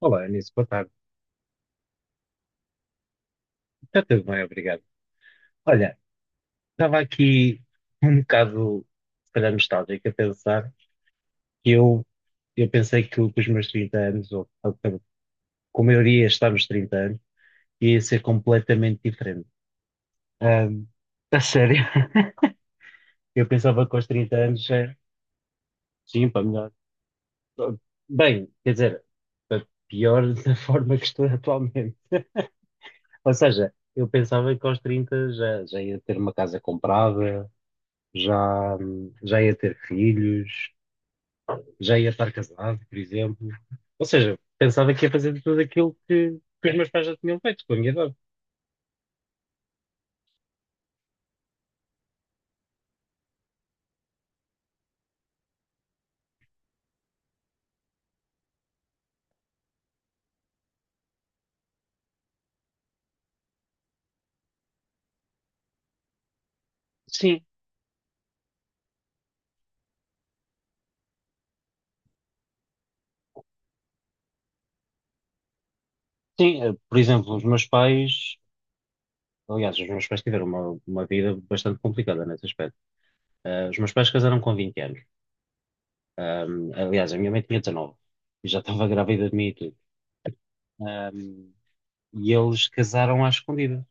Olá, Anísio, boa tarde. Está tudo bem, obrigado. Olha, estava aqui um bocado, se calhar, nostálgico a pensar que eu pensei que com os meus 30 anos, ou como eu iria estar nos 30 anos, ia ser completamente diferente. Ahm, a sério, eu pensava que aos 30 anos, já, sim, para melhor. Bem, quer dizer, para pior da forma que estou atualmente. Ou seja, eu pensava que aos 30 já, já ia ter uma casa comprada, já, já ia ter filhos, já ia estar casado, por exemplo. Ou seja, pensava que ia fazer tudo aquilo que os meus pais já tinham feito com a minha idade. Sim, sim, por exemplo, os meus pais, aliás, os meus pais tiveram uma vida bastante complicada nesse aspecto. Os meus pais casaram com 20 anos. Aliás, a minha mãe tinha 19 e já estava grávida de mim e tudo. Ahm, e eles casaram à escondida.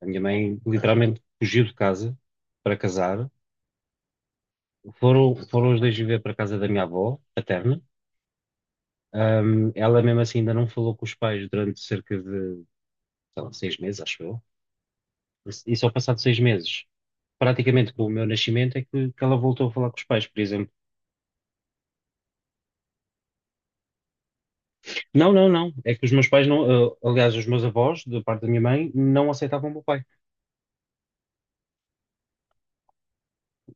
A minha mãe literalmente fugiu de casa para casar. Foram, foram os dois viver para a casa da minha avó, paterna. Ela mesmo assim ainda não falou com os pais durante cerca de, sei lá, 6 meses, acho eu. E só passado 6 meses, praticamente com o meu nascimento, é que ela voltou a falar com os pais, por exemplo. Não, não, não. É que os meus pais não, ah, aliás, os meus avós, da parte da minha mãe, não aceitavam o meu pai.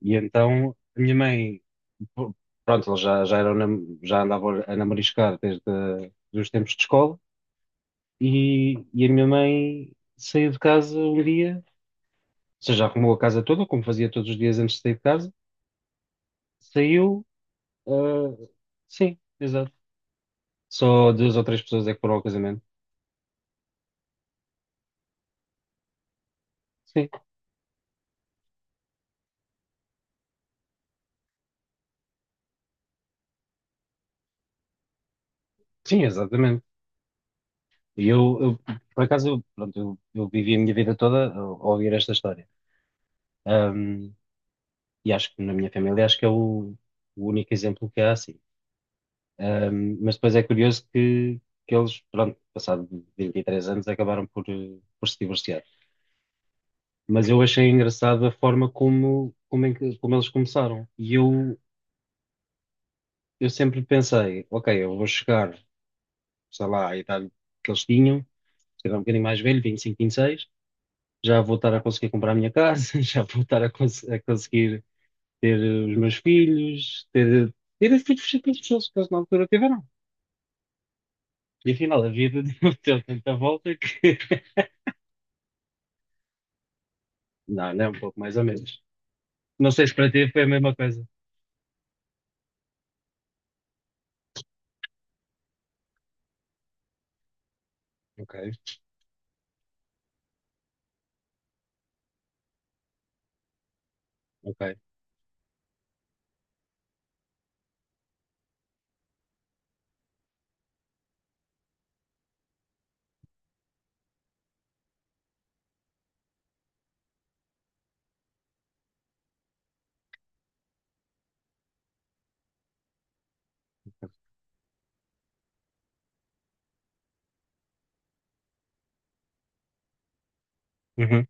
E então a minha mãe, pr- pronto, ela já, já, eram, já andavam a namoriscar desde os tempos de escola. E a minha mãe saiu de casa um dia. Ou seja, arrumou a casa toda, como fazia todos os dias antes de sair de casa, saiu. ah, sim, exato. Só duas ou três pessoas é que foram ao casamento. Sim, sim, exatamente. E eu, eu, por acaso, eu, pronto, eu vivi a minha vida toda a ouvir esta história. Ahm, e acho que na minha família, acho que é o único exemplo que há assim. Mas depois é curioso que eles, pronto, passado 23 anos, acabaram por, por se divorciar. Mas eu achei engraçada a forma como, como, é que- como eles começaram. Eu sempre pensei, ok, eu vou chegar, sei lá, à idade que eles tinham, se calhar um bocadinho mais velho, vinte vinte e cinco, vinte e seis, já vou estar a conseguir comprar a minha casa, já vou estar a, a conseguir ter os meus filhos, ter, ter os filhos que eles na altura tiveram. E afinal, a vida deu tanta volta que... Não, não é um pouco mais ou menos. Não sei se para ti foi a mesma coisa. Ok, ok. Uhum,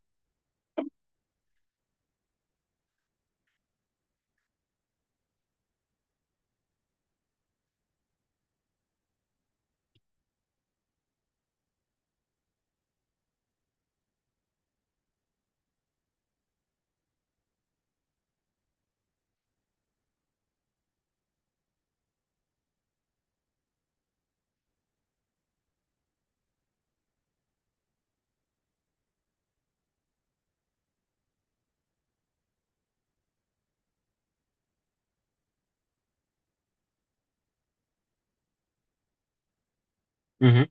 uhum.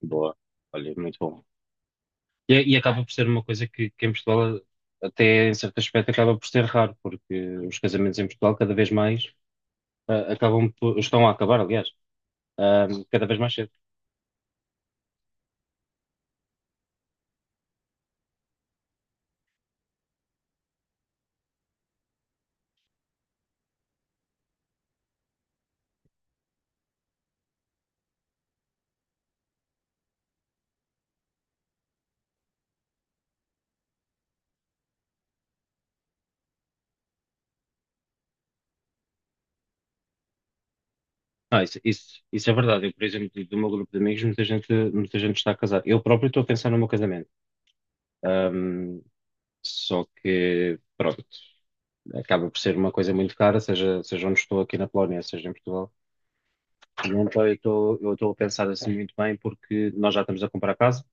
Boa. Olha, muito bom. E, e acaba por ser uma coisa que em Portugal, até em certo aspecto, acaba por ser raro, porque os casamentos em Portugal cada vez mais acabam por, estão a acabar, aliás, cada vez mais cedo. Ah, isso é verdade. Eu, por exemplo, do meu grupo de amigos, muita gente está a casar. Eu próprio estou a pensar no meu casamento. Ahm, Só que, pronto, acaba por ser uma coisa muito cara, seja, seja onde estou aqui na Polónia, seja em Portugal. E então eu estou a pensar assim muito bem, porque nós já estamos a comprar casa.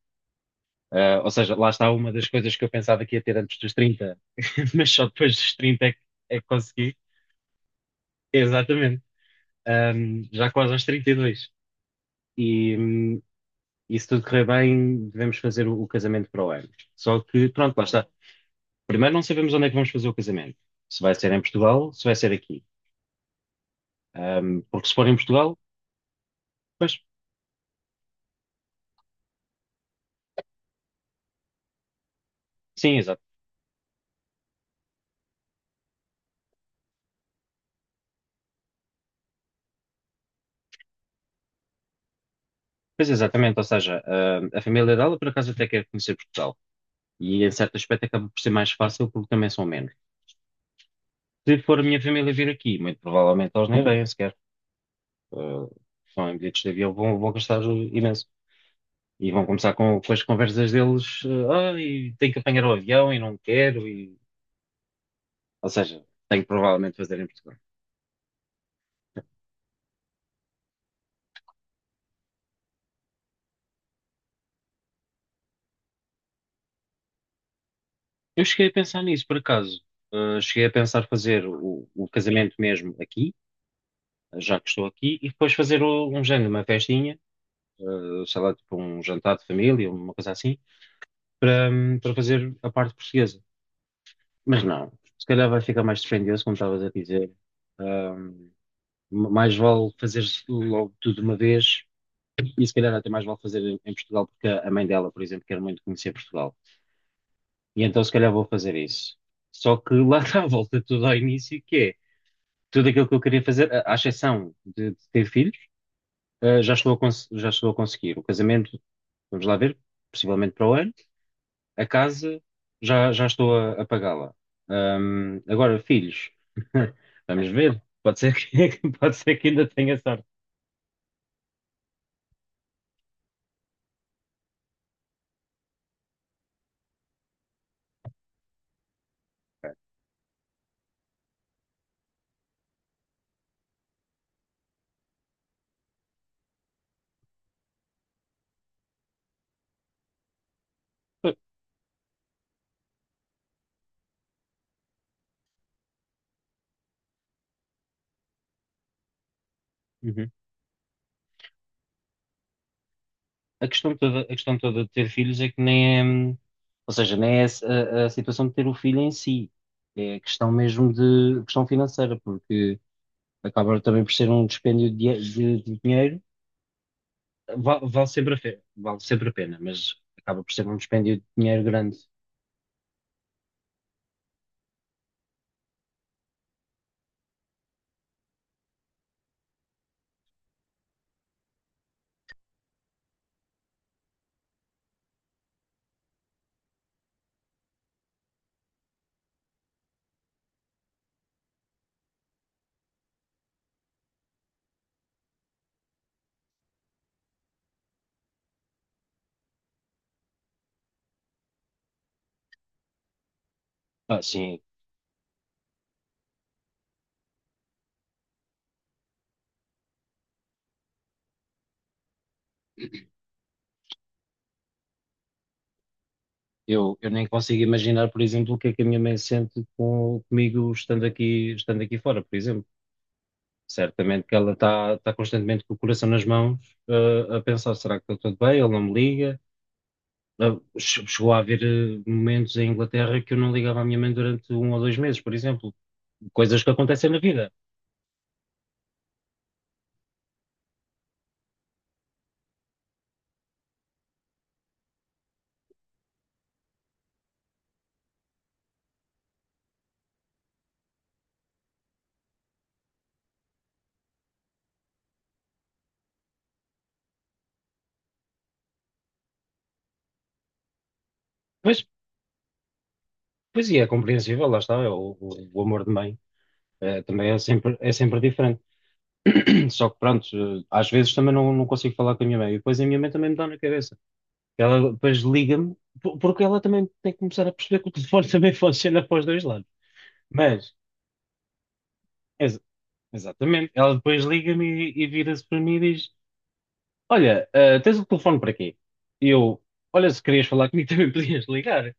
Ou seja, lá está uma das coisas que eu pensava que ia ter antes dos 30 mas só depois dos 30 é é que consegui. Exatamente. Um, já quase aos 32. E, dois. E e se tudo correr bem, devemos fazer o casamento para o ano. Só que, pronto, lá está. Primeiro, não sabemos onde é que vamos fazer o casamento. Se vai ser em Portugal, se vai ser aqui. Um, porque se for em Portugal, pois, sim, exato. Pois exatamente, ou seja, um, a família dela por acaso até quer conhecer Portugal. E em certo aspecto acaba por ser mais fácil porque também são menos. Se for a minha família vir aqui, muito provavelmente eles nem vêm sequer. Uh, São em bilhetes de avião, vão, vão gastar imenso. E vão começar com as conversas deles, e tenho que apanhar o avião e não quero, e... Ou seja, tenho que provavelmente fazer em Portugal. Eu cheguei a pensar nisso, por acaso. Cheguei a pensar fazer o casamento mesmo aqui, já que estou aqui, e depois fazer um género, uma festinha, sei lá, tipo um jantar de família, uma coisa assim, para, para fazer a parte portuguesa. Mas não, se calhar vai ficar mais dispendioso, como estavas a dizer. Ahm, Mais vale fazer logo tudo de uma vez e se calhar até mais vale fazer em Portugal, porque a mãe dela, por exemplo, quer muito conhecer Portugal. E então se calhar vou fazer isso. Só que lá está, volta tudo ao início, que é tudo aquilo que eu queria fazer, à exceção de ter filhos, já estou a, já estou a conseguir. O casamento, vamos lá ver, possivelmente para o ano. A casa, já, já estou a pagá-la. Agora, filhos, vamos ver. Pode ser que, pode ser que ainda tenha sorte. Uhum. A questão toda de ter filhos é que nem é, ou seja, nem é a situação de ter o filho em si, é a questão mesmo de questão financeira, porque acaba também por ser um dispêndio de, de dinheiro. Vale sempre a pena, vale sempre a pena, mas acaba por ser um dispêndio de dinheiro grande. Ah, sim, eu nem consigo imaginar, por exemplo, o que é que a minha mãe sente com, comigo estando aqui fora, por exemplo. Certamente que ela está constantemente com o coração nas mãos, a pensar, será que está tudo bem? Ele não me liga. Chegou a haver momentos em Inglaterra que eu não ligava à minha mãe durante um ou 2 meses, por exemplo. Coisas que acontecem na vida. Mas, pois e é compreensível, lá está, é o amor de mãe. Também é sempre diferente. Só que pronto, às vezes também não, não consigo falar com a minha mãe. E depois a minha mãe também me dá na cabeça. Ela depois liga-me, porque ela também tem que começar a perceber que o telefone também funciona para os dois lados. Mas, ex- exatamente, ela depois liga-me e vira-se para mim e diz: Olha, ah, tens o telefone para quê? E eu, olha, se querias falar comigo também podias ligar.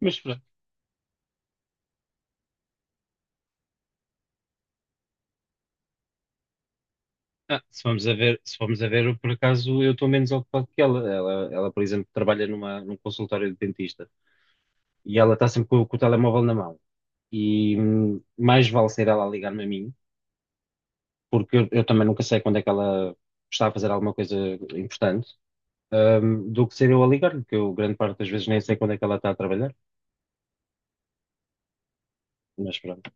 Mas pronto. Ah, se vamos a ver, se vamos a ver, eu, por acaso eu estou menos ocupado que ela. Por exemplo, trabalha numa, num consultório de dentista e ela está sempre com o telemóvel na mão. E mais vale ser ela a ligar-me a mim porque eu também nunca sei quando é que ela está a fazer alguma coisa importante, do que ser eu a ligar-lhe, que eu grande parte das vezes nem sei quando é que ela está a trabalhar, mas pronto.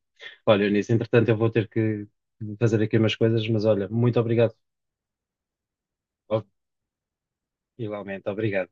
Olha, Eunice, entretanto eu vou ter que fazer aqui umas coisas, mas olha, muito obrigado. Oh, igualmente, obrigado.